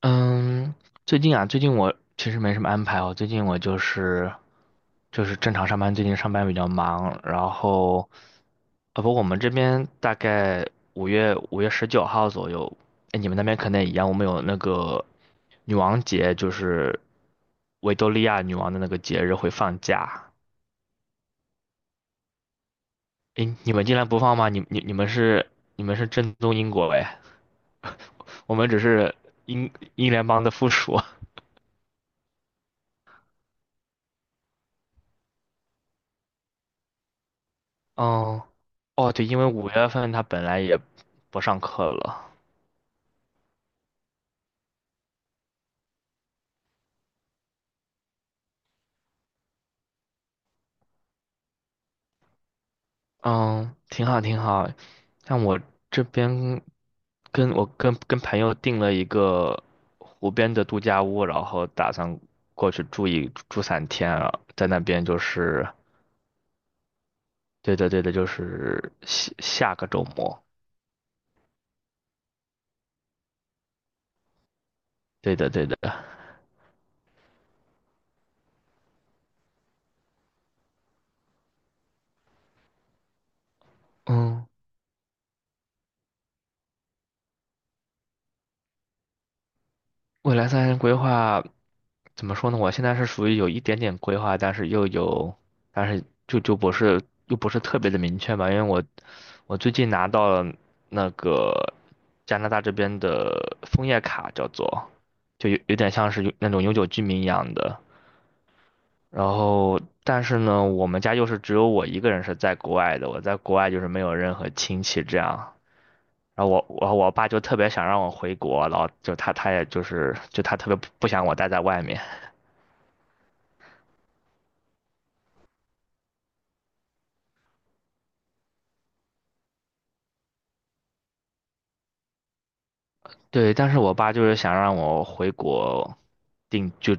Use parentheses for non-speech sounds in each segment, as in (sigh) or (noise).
嗯，最近啊，最近我其实没什么安排哦。最近我就是正常上班，最近上班比较忙。然后，不，我们这边大概五月19号左右。哎，你们那边可能也一样。我们有那个女王节，就是维多利亚女王的那个节日会放假。哎，你们竟然不放吗？你们是正宗英国哎，我们只是英联邦的附属。(laughs) 哦，哦，对，因为5月份他本来也不上课了。嗯，挺好，挺好。像我这边跟我跟跟朋友订了一个湖边的度假屋，然后打算过去住一住3天啊，在那边就是，对的，对的，就是下下个周末，对的，对的。嗯，未来3年规划，怎么说呢？我现在是属于有一点点规划，但是又有，但是就不是又不是特别的明确吧，因为我最近拿到了那个加拿大这边的枫叶卡，叫做就有点像是有那种永久居民一样的。然后，但是呢，我们家又是只有我一个人是在国外的，我在国外就是没有任何亲戚这样。然后我爸就特别想让我回国，然后就他也就是就他特别不想我待在外面。对，但是我爸就是想让我回国定就，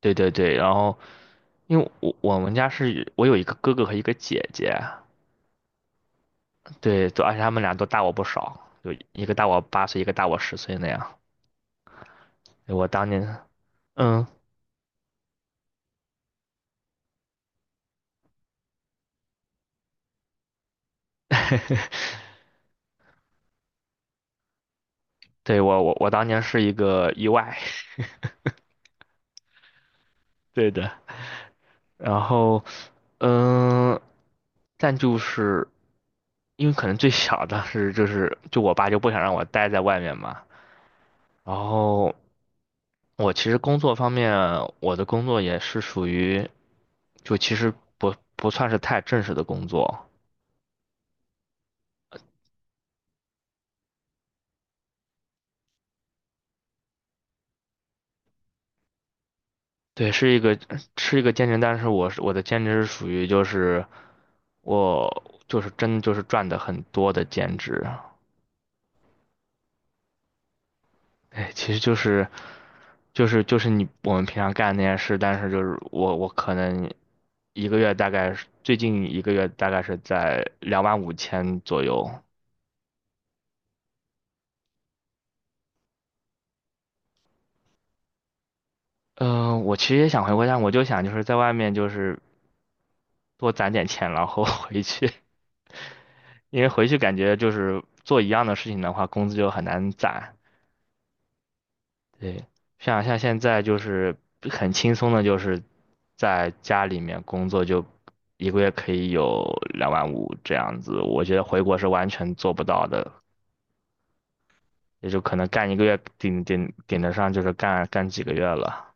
对对对。然后因为我们家是我有一个哥哥和一个姐姐。对，都而且他们俩都大我不少，就一个大我8岁，一个大我10岁那样。对我当年，嗯，(laughs) 对我当年是一个意外。(laughs) 对的。然后嗯，但就是因为可能最小的是就是就我爸就不想让我待在外面嘛。然后，我其实工作方面，我的工作也是属于，就其实不算是太正式的工作。对，是一个兼职，但是我是我的兼职是属于就是我就是真就是赚的很多的兼职。哎，其实就是你我们平常干的那些事，但是就是我可能一个月大概是最近一个月大概是在25,000左右。嗯、我其实也想回国，但我就想就是在外面就是多攒点钱，然后 (laughs) 回去，因为回去感觉就是做一样的事情的话，工资就很难攒。对，像现在就是很轻松的，就是在家里面工作，就一个月可以有两万五这样子，我觉得回国是完全做不到的，也就可能干一个月顶得上，就是干几个月了。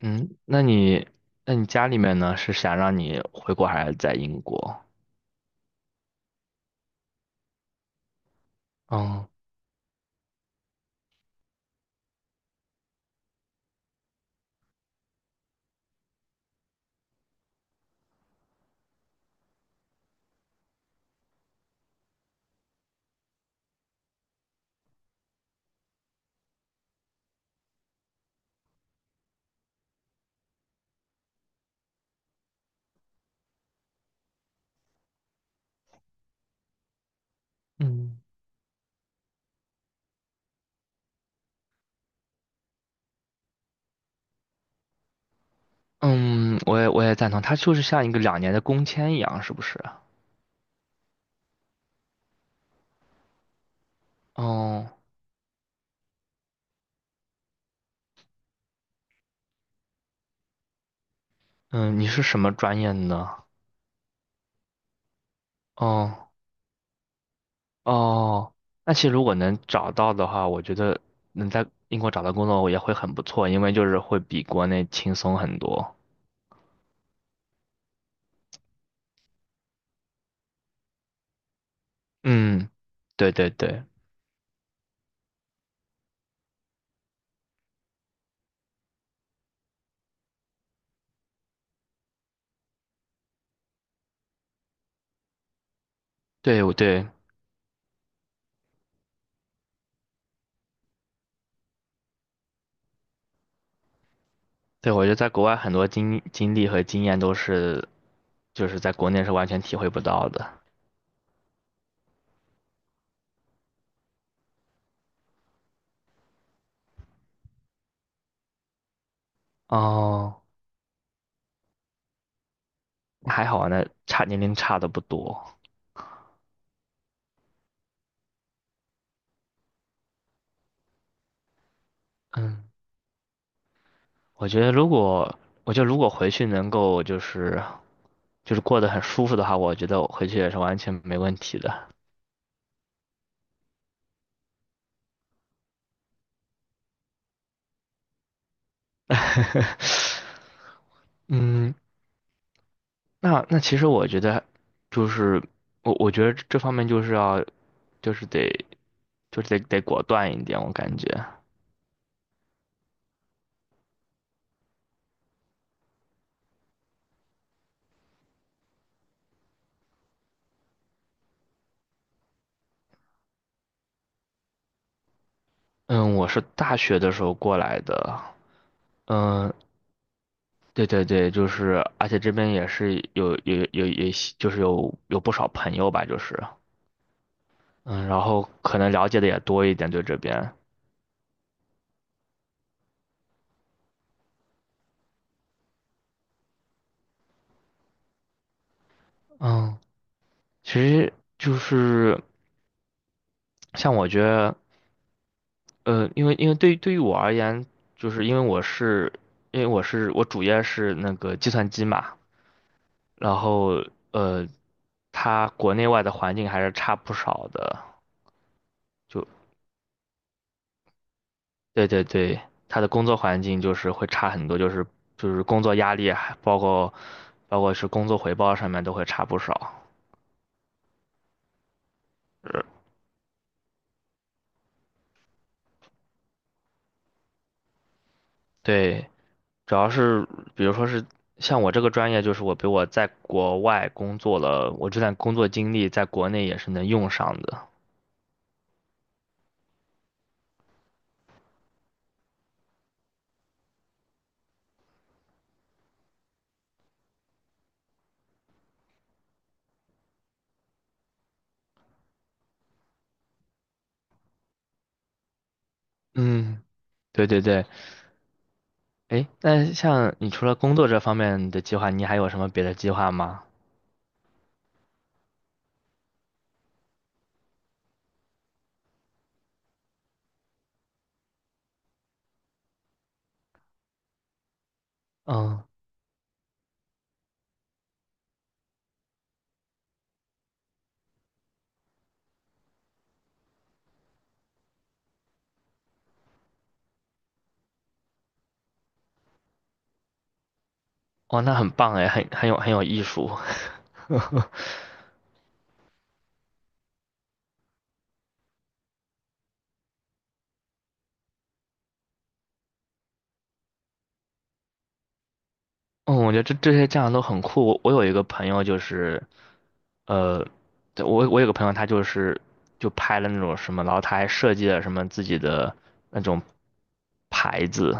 嗯，那你家里面呢，是想让你回国还是在英国？嗯嗯嗯，我也赞同，它就是像一个2年的工签一样，是不是？哦。嗯，你是什么专业呢？哦，哦，那其实如果能找到的话，我觉得能在英国找到工作也会很不错，因为就是会比国内轻松很多。嗯，对对对对，我对对，我觉得在国外很多经历和经验都是。就是在国内是完全体会不到的。哦，还好啊那年龄差的不多。嗯，我觉得如果，我觉得如果回去能够就是过得很舒服的话，我觉得我回去也是完全没问题的。(laughs) 嗯，那其实我觉得，就是我觉得这方面就是要，就是得，就是得果断一点，我感觉。嗯，我是大学的时候过来的。嗯，对对对，就是，而且这边也是有，就是有不少朋友吧，就是，嗯，然后可能了解的也多一点，对这边。嗯，其实就是像我觉得，因为对于我而言，就是因为我我主业是那个计算机嘛。然后呃，它国内外的环境还是差不少的。就。对对对，他的工作环境就是会差很多，就是工作压力，还包括是工作回报上面都会差不少。对，主要是比如说是像我这个专业，就是我在国外工作了，我这段工作经历在国内也是能用上的。嗯，对对对。诶，那像你除了工作这方面的计划，你还有什么别的计划吗？嗯，哦，那很棒诶，很有艺术。(laughs) 嗯，我觉得这些酱都很酷。我有一个朋友就是，呃，对我有个朋友他就是就拍了那种什么，然后他还设计了什么自己的那种牌子。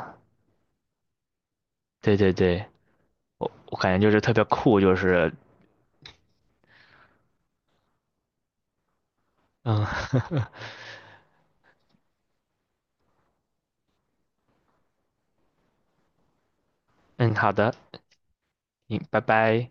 对对对，我感觉就是特别酷，就是嗯。 (laughs) 嗯，好的，嗯，拜拜。